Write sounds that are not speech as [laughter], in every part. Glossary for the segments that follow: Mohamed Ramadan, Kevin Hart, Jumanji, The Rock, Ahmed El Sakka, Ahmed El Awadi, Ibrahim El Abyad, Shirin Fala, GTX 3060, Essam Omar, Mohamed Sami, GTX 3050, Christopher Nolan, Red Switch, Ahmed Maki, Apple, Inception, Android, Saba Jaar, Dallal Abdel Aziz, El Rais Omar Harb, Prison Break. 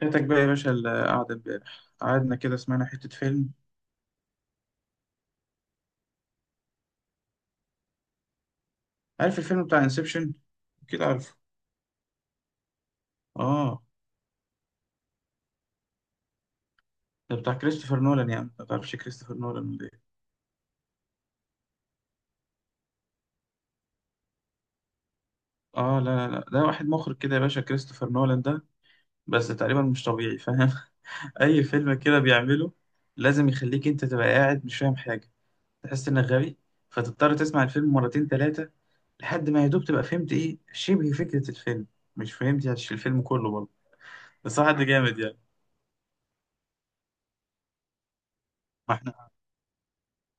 فاتك بقى يا باشا القعدة امبارح قعدنا كده سمعنا حتة فيلم. عارف الفيلم بتاع انسبشن؟ كده عارفه. اه، ده بتاع كريستوفر نولان، يعني ما تعرفش كريستوفر نولان ولا ايه؟ اه، لا لا لا، ده واحد مخرج كده يا باشا، كريستوفر نولان ده بس تقريبا مش طبيعي، فاهم؟ [laughs] اي فيلم كده بيعمله لازم يخليك انت تبقى قاعد مش فاهم حاجة. تحس انك غبي، فتضطر تسمع الفيلم مرتين ثلاثة لحد ما يا دوب تبقى فهمت ايه شبه فكرة الفيلم. مش فهمت يعني الفيلم كله برضه، بس هو حد جامد. يعني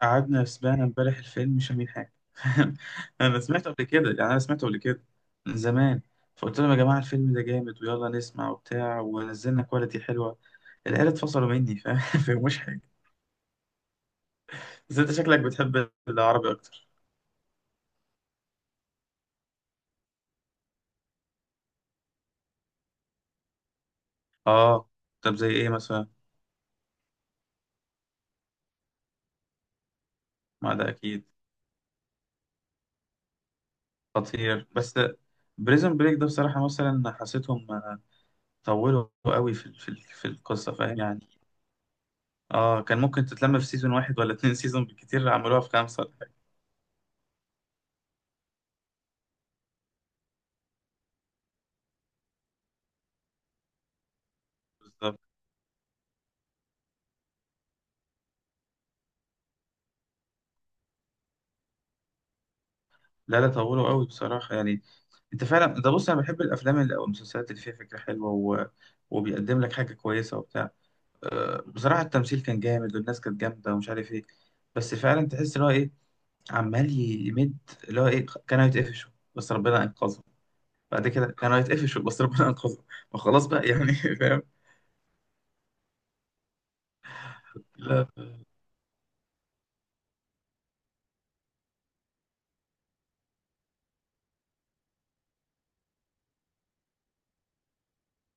قعدنا سمعنا امبارح الفيلم مش فاهمين حاجة. [laughs] أنا سمعته قبل كده، يعني أنا سمعته قبل كده، من زمان. فقلت لهم يا جماعة الفيلم ده جامد ويلا نسمع وبتاع، ونزلنا كواليتي حلوة. العيال اتفصلوا مني، فاهم؟ [laughs] فمش حاجة. بس أنت شكلك بتحب العربي أكتر. آه، طب زي إيه مثلا؟ ما ده أكيد. خطير، بس بريزون بريك ده بصراحة مثلا حسيتهم طولوا قوي في القصة، فاهم يعني. آه، كان ممكن تتلم في سيزون واحد ولا اتنين سيزون بالكتير، عملوها في خمسة ولا حاجة. بالظبط. لا لا، طولوا قوي بصراحة يعني. انت فعلا ده، بص، انا بحب الافلام اللي او المسلسلات اللي فيها فكرة حلوة وبيقدم لك حاجة كويسة وبتاع. أه، بصراحة التمثيل كان جامد والناس كانت جامدة ومش عارف ايه، بس فعلا تحس اللي هو ايه، عمال يمد، اللي هو ايه، كانوا يتقفشوا بس ربنا انقذهم. بعد كده كانوا يتقفشوا بس ربنا انقذهم، فخلاص بقى يعني، [laughs] فاهم. لا.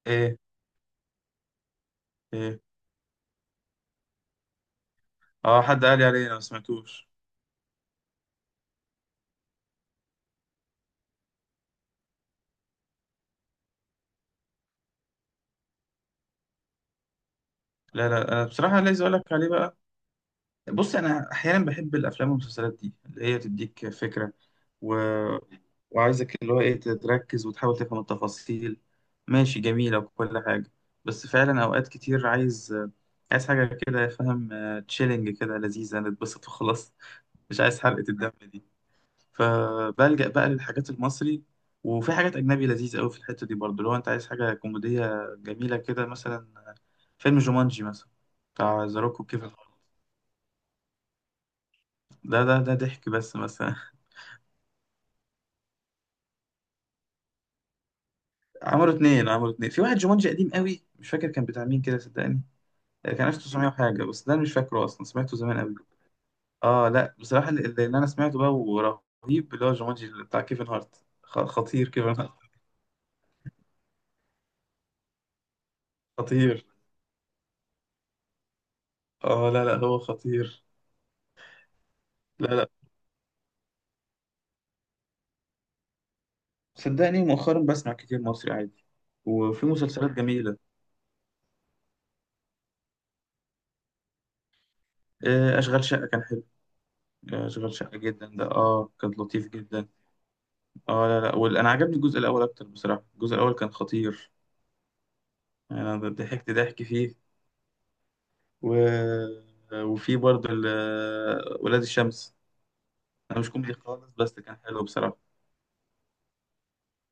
ايه ايه اه، حد قال لي عليه، انا ما سمعتوش. لا لا، انا بصراحة عايز اقول لك عليه بقى. بص، انا احيانا بحب الافلام والمسلسلات دي اللي هي تديك فكره، و... وعايزك اللي هو ايه تركز وتحاول تفهم التفاصيل. ماشي، جميله وكل حاجه، بس فعلا اوقات كتير عايز حاجه كده، فاهم، تشيلنج كده، لذيذه نتبسط وخلاص. [laughs] مش عايز حرقه الدم دي. فبلجأ بقى للحاجات المصري. وفي حاجات اجنبي لذيذه قوي في الحته دي برضه، لو انت عايز حاجه كوميديه جميله كده، مثلا فيلم جومانجي مثلا، بتاع ذا روك وكيفن هارت. ده ضحك بس مثلا. عملوا اتنين، عملوا اتنين في واحد. جومانجي قديم قوي مش فاكر كان بتاع مين، كده صدقني. آه، كان 1900 وحاجة، بس ده أنا مش فاكره أصلا، سمعته زمان قوي. اه لا بصراحة اللي أنا سمعته بقى ورهيب اللي هو جومانجي اللي بتاع كيفن هارت، خطير كيفن هارت. خطير. اه لا لا، هو خطير. لا لا، صدقني مؤخرا بسمع كتير مصري عادي. وفي مسلسلات جميلة. آه، أشغال شقة كان حلو. آه، أشغال شقة جدا ده، اه، كان لطيف جدا. اه لا لا أنا عجبني الجزء الأول أكتر بصراحة، الجزء الأول كان خطير. أنا ضحكت ضحك فيه. و... وفي برضه ولاد الشمس. انا مش كوميدي خالص بس كان حلو بصراحه.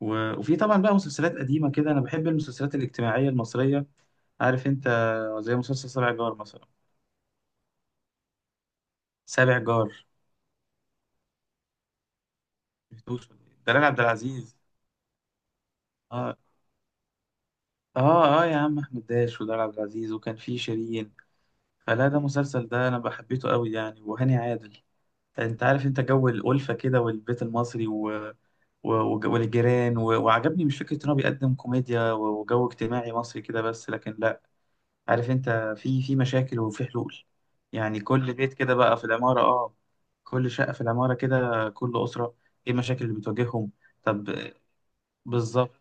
وفي طبعا بقى مسلسلات قديمه كده، انا بحب المسلسلات الاجتماعيه المصريه، عارف انت، زي مسلسل سبع جار مثلا. سابع جار. شفتوش ولا إيه؟ دلال عبد العزيز. اه اه يا عم، احمد داش ودلال عبد العزيز وكان في شيرين. فلا، ده مسلسل ده انا بحبيته قوي يعني، وهاني عادل. انت عارف انت جو الألفة كده، والبيت المصري و- والجيران، وعجبني مش فكرة إن هو بيقدم كوميديا وجو اجتماعي مصري كده، بس لكن لأ، عارف أنت، في مشاكل وفي حلول. يعني كل بيت كده بقى في العمارة، آه، كل شقة في العمارة كده، كل أسرة إيه المشاكل اللي بتواجههم. طب. بالظبط.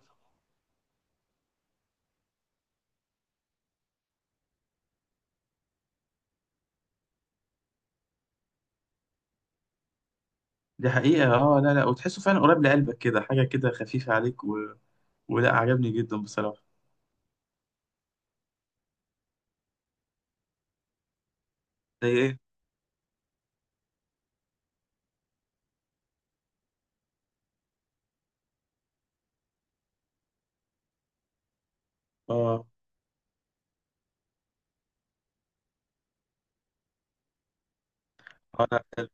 دي حقيقة. آه لا لا، وتحسه فعلا قريب لقلبك كده، حاجة كده خفيفة عليك، ولا عجبني جدا بصراحة. زي إيه؟ آه. آه لا حلو.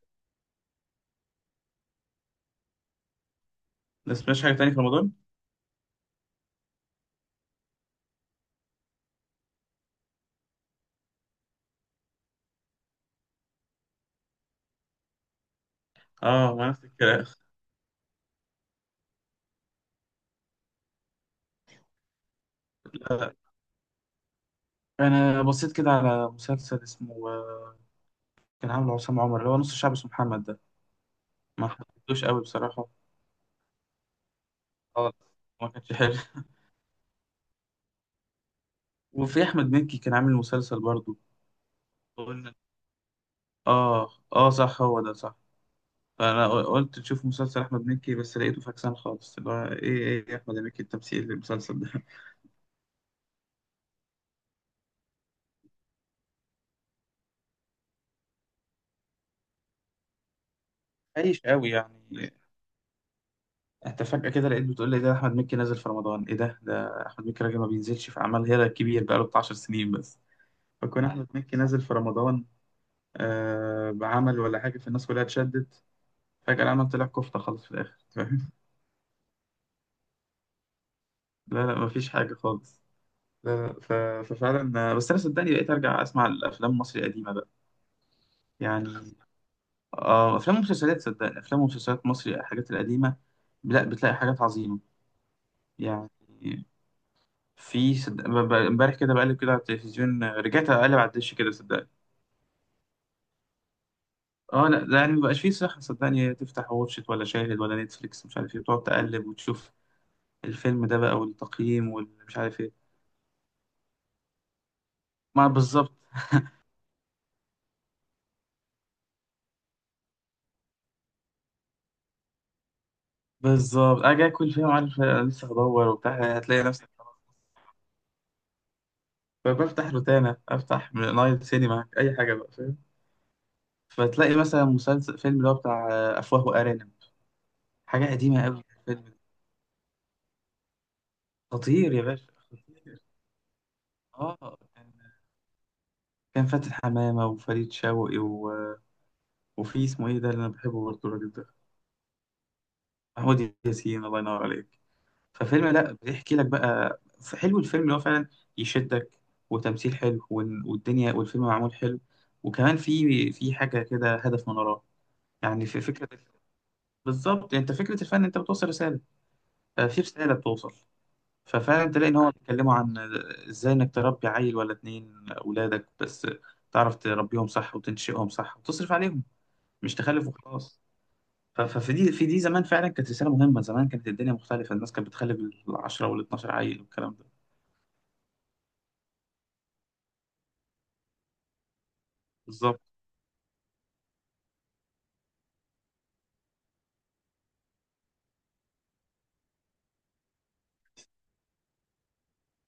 ما سمعتش حاجة تانية في رمضان؟ آه ما نفس الكلام. [laughs] لا، انا بصيت كده على مسلسل اسمه، كان عامل عصام عمر، اللي هو نص الشعب اسمه محمد ده. ما حبيتوش قوي بصراحة. خالص. ما كانش حلو. [laughs] وفي أحمد مكي كان عامل مسلسل برضو. قلنا. آه آه صح، هو ده صح. فأنا قلت تشوف مسلسل أحمد مكي، بس لقيته فاكسان خالص اللي هو إيه، إيه يا أحمد مكي التمثيل المسلسل ده؟ [laughs] عايش قوي يعني. أنت فجأة كده لقيت بتقول لي ده أحمد مكي نازل في رمضان، إيه ده أحمد مكي راجل ما بينزلش في أعمال، هيرا كبير بقاله بتاع 10 سنين بس. فكون أحمد مكي نازل في رمضان، آه، بعمل ولا حاجة، فالناس كلها اتشدت. فجأة العمل طلع كفتة خالص في الآخر، فاهم. لا لا، مفيش حاجة خالص. لا لا، ففعلا، بس أنا صدقني بقيت أرجع أسمع الأفلام المصري القديمة بقى. يعني آه، أفلام ومسلسلات، صدقني، أفلام ومسلسلات مصري الحاجات القديمة، لا بتلاقي حاجات عظيمة. يعني في امبارح كده بقلب كده على التلفزيون، رجعت أقلب على الدش كده صدقني. اه لا، ده يعني مبقاش فيه صحة، صدقني، تفتح واتشت ولا شاهد ولا نتفليكس مش عارف ايه، وتقعد تقلب وتشوف الفيلم ده بقى والتقييم والمش عارف ايه. ما بالظبط. بالظبط، اجي اكل فيهم عارف لسه هدور وبتاع، هتلاقي نفسك خلاص. فبفتح روتانا، افتح نايل سينما، اي حاجه بقى، فاهم. فتلاقي مثلا مسلسل، فيلم اللي هو بتاع، آه، افواه وارانب. حاجه قديمه قوي الفيلم ده. خطير يا باشا خطير. اه، كان، كان فاتن حمامه وفريد شوقي وفي اسمه ايه ده اللي انا بحبه برضه الراجل ده. محمود ياسين، الله ينور عليك. ففيلم لا، بيحكي لك بقى، حلو الفيلم اللي هو فعلا يشدك، وتمثيل حلو والدنيا، والفيلم معمول حلو. وكمان في حاجه كده، هدف من وراه. يعني في فكره. بالظبط، انت فكره الفن انت بتوصل رساله. آه، في رساله بتوصل. ففعلا تلاقي ان هو بيتكلموا عن ازاي انك تربي عيل ولا اتنين اولادك بس، تعرف تربيهم صح وتنشئهم صح وتصرف عليهم، مش تخلف وخلاص. ففي دي في دي زمان فعلا كانت رساله مهمه، زمان كانت الدنيا مختلفه، الناس كانت بتخلف ال 10 وال 12 عيل والكلام ده. بالظبط.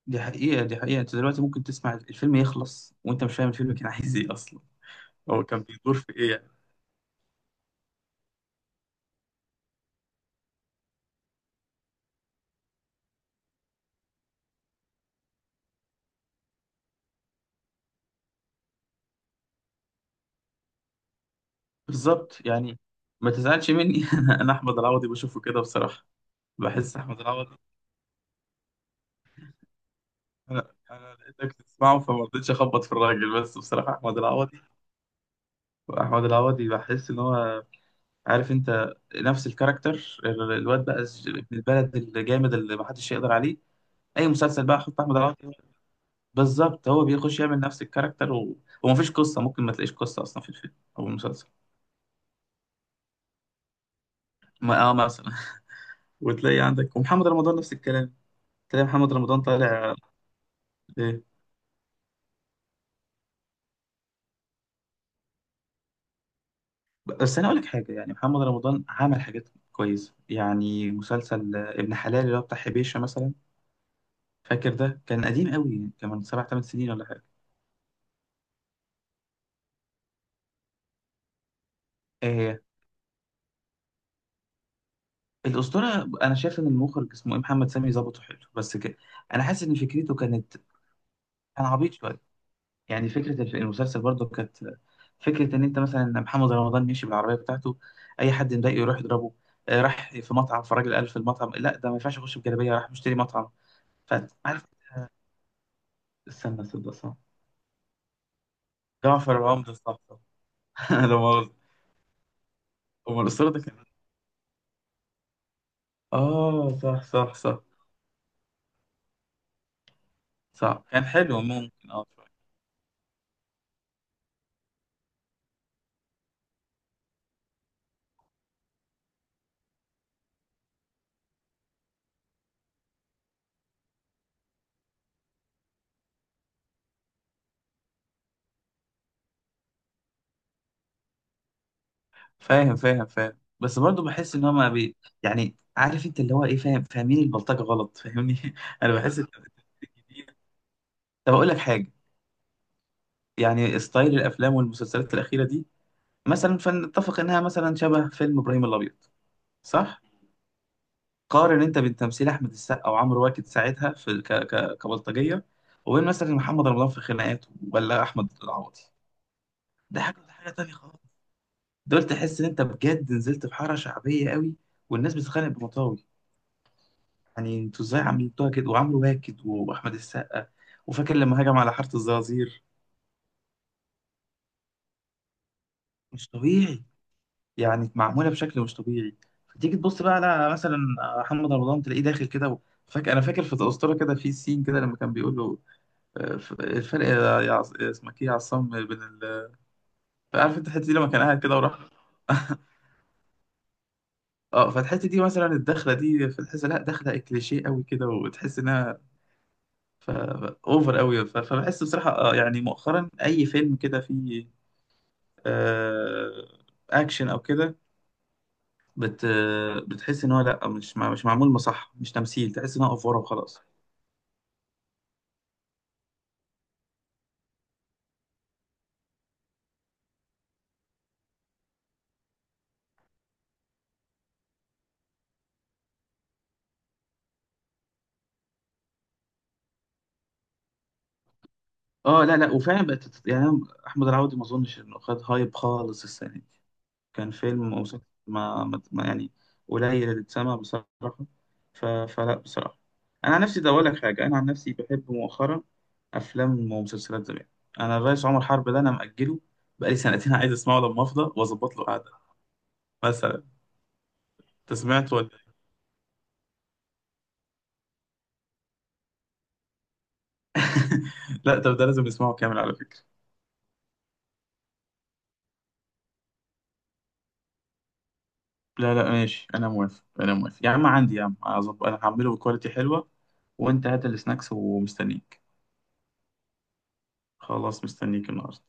دي حقيقة انت دلوقتي ممكن تسمع الفيلم يخلص وانت مش فاهم الفيلم كان عايز ايه اصلا، هو كان بيدور في ايه يعني. بالظبط، يعني. ما تزعلش مني، [laughs] أنا احمد العوضي بشوفه كده بصراحة. بحس احمد العوضي، انا لقيتك تسمعه فما رضيتش اخبط في الراجل، بس بصراحة احمد العوضي، احمد العوضي بحس ان هو، عارف انت، نفس الكاركتر، الواد بقى ابن البلد الجامد اللي محدش يقدر عليه. اي مسلسل بقى، حط احمد العوضي. بالظبط، هو بيخش يعمل نفس الكاركتر، ومفيش قصة، ممكن ما تلاقيش قصة أصلا في الفيلم أو المسلسل. ما اه مثلا. [laughs] وتلاقي عندك ومحمد رمضان نفس الكلام، تلاقي محمد رمضان طالع. إيه؟ بس أنا أقول لك حاجة، يعني محمد رمضان عمل حاجات كويسة، يعني مسلسل، آه، ابن حلال اللي هو بتاع حبيشة مثلا، فاكر ده كان قديم قوي يعني، كان من سبع ثمان سنين ولا حاجة. آه. الأسطورة أنا شايف إن المخرج اسمه إيه، محمد سامي، ظبطه حلو، بس أنا حاسس إن فكرته كانت، كان عبيط شوية، يعني فكرة المسلسل برضو كانت، فكرة إن أنت مثلا محمد رمضان يمشي بالعربية بتاعته، أي حد مضايقه يروح يضربه. آه، راح في مطعم، فالراجل قال في المطعم لا، ده ما ينفعش أخش بجلابية، راح مشتري مطعم. فعارف، استنى، صدق، صح. جعفر عمدة، صح. [laughs] لا مؤاخذة. أم الأسطورة ده كان، آه صح. صح كان حلو، ممكن آه شوية. فاهم بس برضو بحس إن هما بي، يعني عارف أنت اللي هو إيه، فاهم فاهمين البلطجة غلط، فاهمني، [laughs] أنا بحس. طب أقول لك حاجة، يعني ستايل الافلام والمسلسلات الاخيره دي، مثلا فنتفق انها مثلا شبه فيلم ابراهيم الابيض. صح. قارن انت بين تمثيل احمد السقا وعمرو واكد ساعتها في كبلطجيه، وبين مثلا محمد رمضان في خناقات، ولا احمد العوضي. ده حاجه، ده حاجه تانية خالص. دول تحس ان انت بجد نزلت في حاره شعبيه قوي، والناس بتتخانق بمطاوي. يعني انتوا ازاي عملتوها كده؟ وعمرو واكد واحمد السقا وفاكر لما هجم على حاره الزرازير. مش طبيعي، يعني معموله بشكل مش طبيعي. فتيجي تبص بقى على مثلا محمد رمضان، تلاقيه داخل كده. فاكر انا في الاسطوره كده، في سين كده لما كان بيقول له، آه، الفرق يا اسمك ايه يا عصام بين عارف انت الحته دي لما كان قاعد كده وراح. [laughs] اه، فالحته دي مثلا الدخله دي، فتحس لا دخله كليشيه قوي كده وتحس انها ف... اوفر قوي، فبحس بصراحه آه، يعني مؤخرا اي فيلم كده فيه، آه، اكشن او كده، بت بتحس ان هو لا، مش مش معمول مصح، مش تمثيل، تحس ان هو افوره وخلاص. اه لا لا، وفعلا بقت يعني أنا، احمد العوضي ما اظنش انه خد هايب خالص السنه دي، كان فيلم ومسلسل يعني قليل اللي اتسمع بصراحه. فلا بصراحه، انا عن نفسي ده اقول لك حاجه، انا عن نفسي بحب مؤخرا افلام ومسلسلات زمان. انا الرئيس عمر حرب ده انا ماجله، بقالي سنتين عايز اسمعه لما افضى واظبط له قعده مثلا. انت سمعت ولا؟ [laughs] لا، طب ده لازم نسمعه كامل على فكره. لا لا ماشي، انا موافق انا موافق يا عم، عندي يا عم، هظبط، انا هعمله بكواليتي حلوه، وانت هات السناكس ومستنيك. خلاص، مستنيك النهارده.